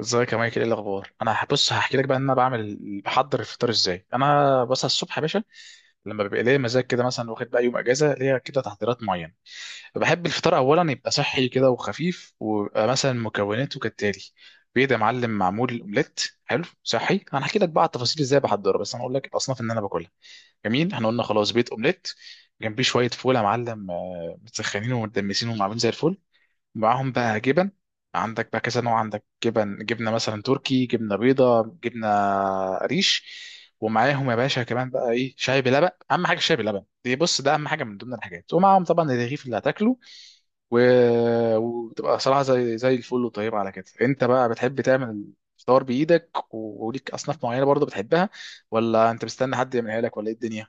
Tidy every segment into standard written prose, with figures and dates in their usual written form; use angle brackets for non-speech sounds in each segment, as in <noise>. ازيك يا مايكل؟ ايه الاخبار؟ انا بص، هحكي لك بقى ان انا بحضر الفطار ازاي. انا بصحى الصبح يا باشا لما بيبقى ليا مزاج كده، مثلا واخد بقى يوم اجازه، ليا كده تحضيرات معينه. بحب الفطار اولا يبقى صحي كده وخفيف، ويبقى مثلا مكوناته كالتالي: بيض يا معلم، معمول اومليت. حلو صحي. انا هحكي لك بقى على التفاصيل ازاي بحضره، بس انا اقول لك الاصناف اللي انا باكلها. جميل، احنا قلنا خلاص بيض اومليت، جنبيه شويه فول يا معلم، متسخنين ومدمسين ومعمولين زي الفل. معاهم بقى جبن، عندك بقى كذا نوع، عندك جبن، جبنه مثلا تركي، جبنه بيضه، جبنه ريش. ومعاهم يا باشا كمان بقى ايه، شاي بلبن، اهم حاجه الشاي بلبن دي، بص ده اهم حاجه من ضمن الحاجات. ومعاهم طبعا الرغيف اللي هتاكله، و... وتبقى صراحه زي الفل وطيبه. على كده انت بقى بتحب تعمل الفطار بايدك، وليك اصناف معينه برضه بتحبها، ولا انت مستني حد يعملها لك، ولا ايه الدنيا؟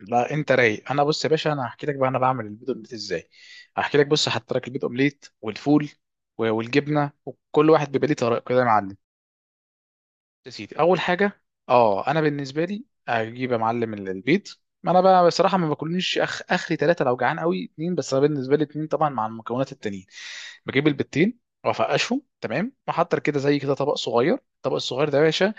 لا انت رايق. انا بص يا باشا، انا هحكي لك بقى انا بعمل البيض اومليت ازاي. هحكي لك. بص هحط لك البيض اومليت، والفول، والجبنه، وكل واحد بيبقى ليه طريقه كده يا معلم. يا سيدي، اول حاجه اه، انا بالنسبه لي اجيب يا معلم البيض. ما انا بقى بصراحه ما باكلنيش اخري ثلاثه، لو جعان قوي اتنين، بس انا بالنسبه لي اتنين طبعا مع المكونات التانيين. بجيب البيضتين، وافقشهم تمام، واحط كده زي كده طبق صغير. الطبق الصغير ده يا باشا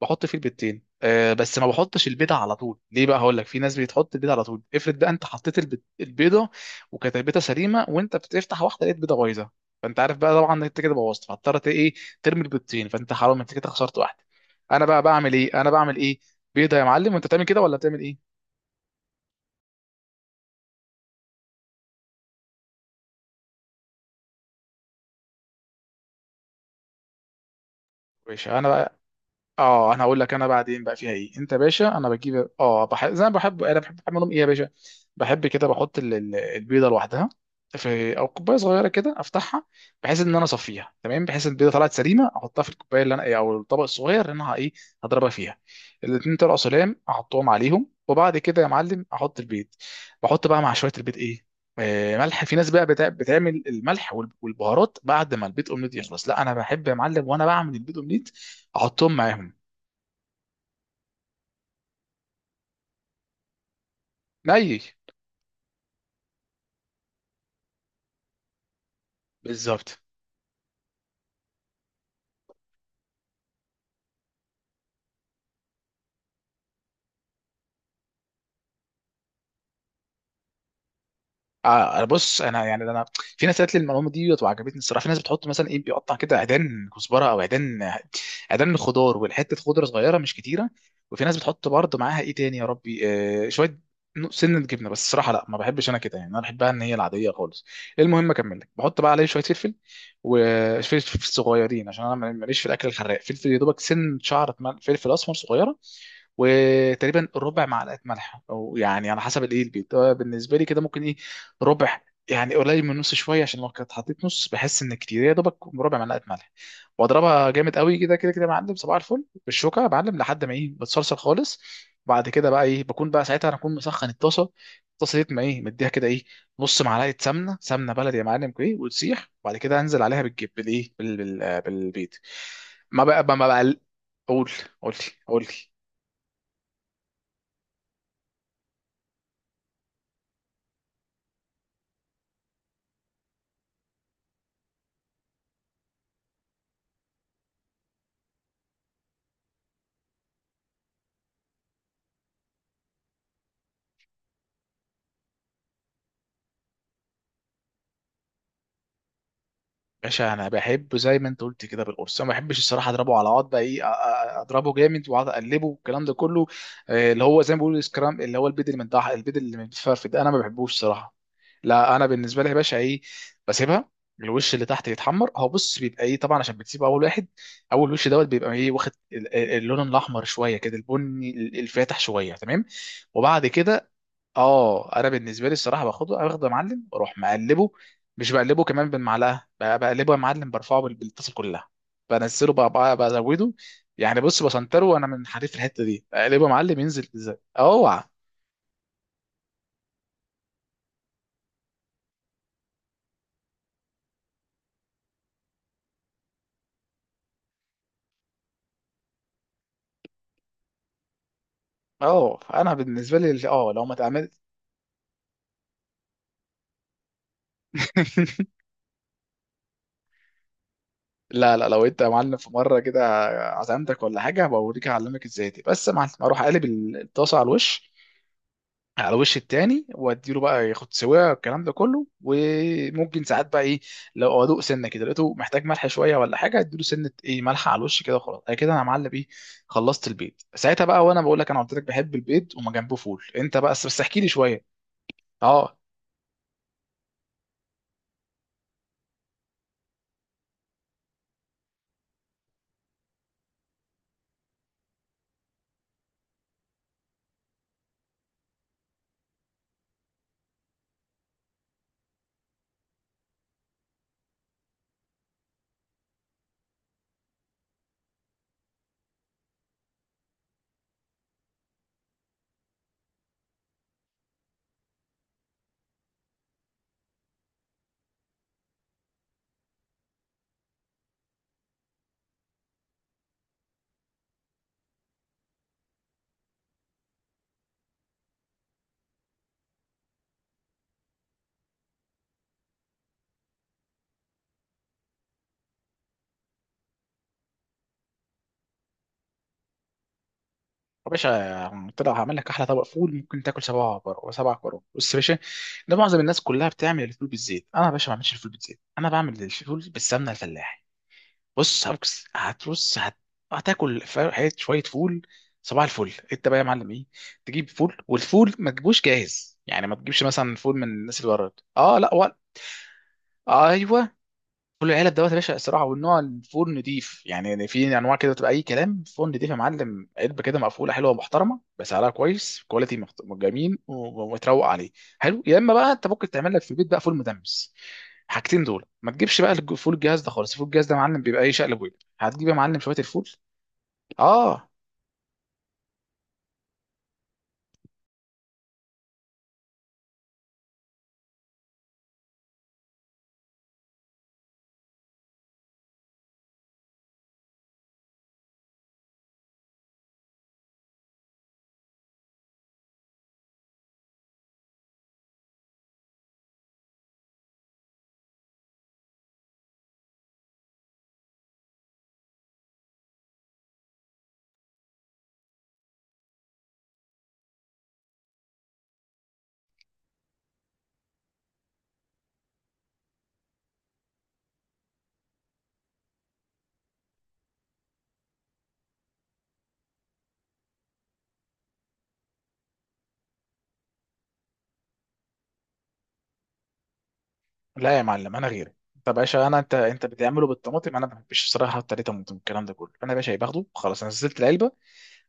بحط فيه البيضتين. بس ما بحطش البيضه على طول، ليه بقى؟ هقول لك. في ناس بتحط البيضه على طول، افرض بقى انت حطيت البيضه، وكانت البيضه سليمه، وانت بتفتح واحده لقيت بيضه بايظه، فانت عارف بقى طبعا إن انت كده بوظت، فاضطرت ايه؟ ترمي البيضتين، فانت حرام، انت كده خسرت واحده. انا بقى بعمل ايه؟ انا بعمل ايه؟ بيضه يا معلم. وانت بتعمل كده ولا بتعمل ايه؟ ماشي انا بقى. اه انا هقول لك. انا بعدين بقى فيها ايه؟ انت يا باشا، انا بجيب اه، بحب زي ما بحب، انا بحب اعملهم ايه يا باشا، بحب كده بحط البيضه لوحدها في او كوبايه صغيره كده، افتحها بحيث ان انا اصفيها تمام، بحيث البيضه طلعت سليمه احطها في الكوبايه اللي انا ايه، او الطبق الصغير اللي انا ايه، هضربها فيها. الاتنين طلعوا سلام، احطهم عليهم، وبعد كده يا معلم احط البيض. بحط بقى مع شويه البيض ايه، ملح. في ناس بقى بتعمل الملح والبهارات بعد ما البيض اومليت يخلص. لا انا بحب يا معلم، وانا بعمل البيض اومليت احطهم معاهم. ني بالظبط. بص انا يعني انا، في ناس قالت لي المعلومه دي وعجبتني الصراحه. في ناس بتحط مثلا ايه، بيقطع كده عيدان كزبره او عيدان، عيدان خضار، والحته خضره صغيره مش كتيره. وفي ناس بتحط برضه معاها ايه تاني يا ربي، آه شويه، سنه جبنه. بس الصراحه لا، ما بحبش انا كده، يعني انا بحبها ان هي العاديه خالص. المهم اكمل لك، بحط بقى عليه شويه فلفل، وفلفل صغيرين، عشان انا ماليش في الاكل الحراق. فلفل يا دوبك سن شعره، فلفل اسمر صغيره، وتقريبا ربع معلقه ملح، او يعني على حسب الايه البيت، آه، بالنسبه لي كده ممكن ايه، ربع، يعني قليل من نص شويه، عشان لو كنت حطيت نص بحس ان كتير. يا دوبك ربع معلقه ملح، واضربها جامد قوي كده كده كده يا معلم صباح الفل، بالشوكه يا معلم، لحد ما ايه، بتصلصل خالص. بعد كده بقى ايه، بكون بقى ساعتها انا اكون مسخن الطاسه. الطاسه دي ما ايه، مديها كده ايه، نص معلقه سمنه، سمنه بلدي يا معلم، ايه وتسيح، وبعد كده انزل عليها بالجب بالايه بال... بال... بالبيض. ما بقى. قول، قول لي قول لي. باشا انا بحبه زي ما انت قلت كده بالقرص، انا ما بحبش الصراحه اضربه على بعض، بقى ايه اضربه جامد واقعد اقلبه والكلام ده كله. آه، اللي هو زي ما بيقولوا السكرام، اللي هو البيد اللي من تحت، البيد اللي من الفرف ده انا ما بحبوش الصراحه. لا انا بالنسبه لي يا باشا ايه، بسيبها، الوش اللي تحت يتحمر. هو بص بيبقى ايه طبعا، عشان بتسيب اول واحد، اول وش دوت بيبقى ايه، واخد اللون الاحمر شويه كده، البني الفاتح شويه تمام. وبعد كده اه، انا بالنسبه لي الصراحه باخده يا معلم، واروح مقلبه، مش بقلبه كمان بالمعلقه، بقلبه يا معلم برفعه بالطاسه كلها. بنزله بقى بزوده، يعني بص بسنتره، وانا من حريف الحته دي اقلبه يا معلم، ينزل ازاي اوعى. اه انا بالنسبه لي اه لو ما اتعمل <laughs> لا لا، لو انت يا معلم في مره كده عزمتك ولا حاجه بوريك اعلمك ازاي دي. بس يا معلم اروح اقلب الطاسه على الوش على وش التاني، واديله بقى ياخد سواها والكلام ده كله. وممكن ساعات بقى ايه، لو ادوق سنه كده لقيته محتاج ملح شويه ولا حاجه، اديله سنه ايه، ملح على الوش كده، وخلاص انا كده انا معلب ايه، خلصت البيض ساعتها بقى. وانا بقول لك، انا قلت لك بحب البيض وما جنبه فول، انت بقى بس احكي لي شويه. اه يا باشا قلت لك هعمل لك احلى طبق فول ممكن تاكل سبعه، سبع كرات. بص يا باشا، ده معظم الناس كلها بتعمل الفول بالزيت، انا يا باشا ما بعملش الفول بالزيت، انا بعمل الفول بالسمنه الفلاح. بص هبص هتبص هت... هتاكل حية شوية فول صباح الفل. انت بقى يا معلم ايه، تجيب فول، والفول ما تجيبوش جاهز، يعني ما تجيبش مثلا فول من الناس اللي بره، اه لا ولا. ايوه. كل العلب دوت يا باشا الصراحه، والنوع الفول نضيف، يعني في انواع كده تبقى اي كلام، فول نضيف يا معلم، علبه كده مقفوله حلوه محترمه بسعرها كويس، كواليتي جميل ومتروق عليه حلو. يا اما بقى انت ممكن تعمل لك في البيت بقى فول مدمس. حاجتين دول. ما تجيبش بقى فول الجهاز ده خالص، فول الجهاز ده يا معلم بيبقى ايه، شقلب وقلب. هتجيب يا معلم شويه الفول اه. لا يا معلم انا غيرك، انت يا باشا انا، انت بتعمله بالطماطم، انا ما بحبش الصراحه احط عليه طماطم الكلام ده كله. انا يا باشا باخده خلاص، أنا نزلت العلبه،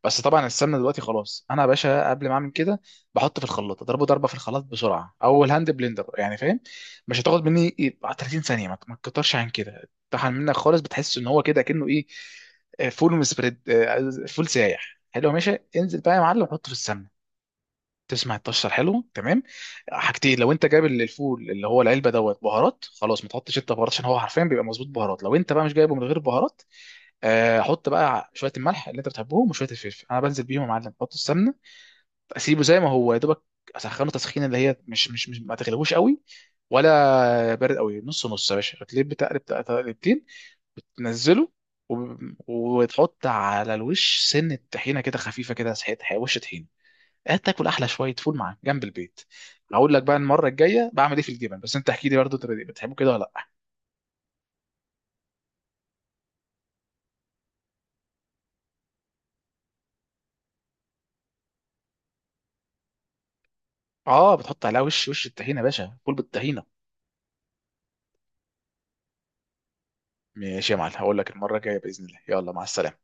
بس طبعا السمنه دلوقتي خلاص. انا يا باشا قبل ما اعمل كده بحط في الخلاط، اضربه ضربه في الخلاط بسرعه، او الهاند بلندر يعني، فاهم؟ مش هتاخد مني يبقى 30 ثانيه، ما تكترش عن كده، طحن منك خالص، بتحس ان هو كده كأنه ايه، فول سبريد، فول سايح. حلو يا باشا، انزل بقى يا معلم حطه في السمنه، تسمع الطشه الحلو تمام. حاجتين: لو انت جايب الفول اللي هو العلبه دوت بهارات خلاص، ما تحطش انت بهارات، عشان هو حرفيا بيبقى مظبوط بهارات. لو انت بقى مش جايبه من غير بهارات، احط بقى شويه الملح اللي انت بتحبهم وشويه الفلفل. انا بنزل بيهم يا معلم احط السمنه، اسيبه زي ما هو يا دوبك، اسخنه تسخينه اللي هي مش، ما تغلبوش قوي ولا بارد قوي، نص نص يا باشا، هتلاقيه بتقلب تقلبتين، تنزله، وتحط على الوش سنه طحينه كده خفيفه، كده سحيت وش طحينه، هتاكل احلى شويه فول معاك جنب البيت. هقول لك بقى المره الجايه بعمل ايه في الجبن، بس انت احكي لي برضه انت بتحبه كده ولا لا. اه بتحط عليها وش، الطحينه يا باشا، فول بالطحينه. ماشي يا معلم، هقول لك المرة الجاية بإذن الله، يلا مع السلامة.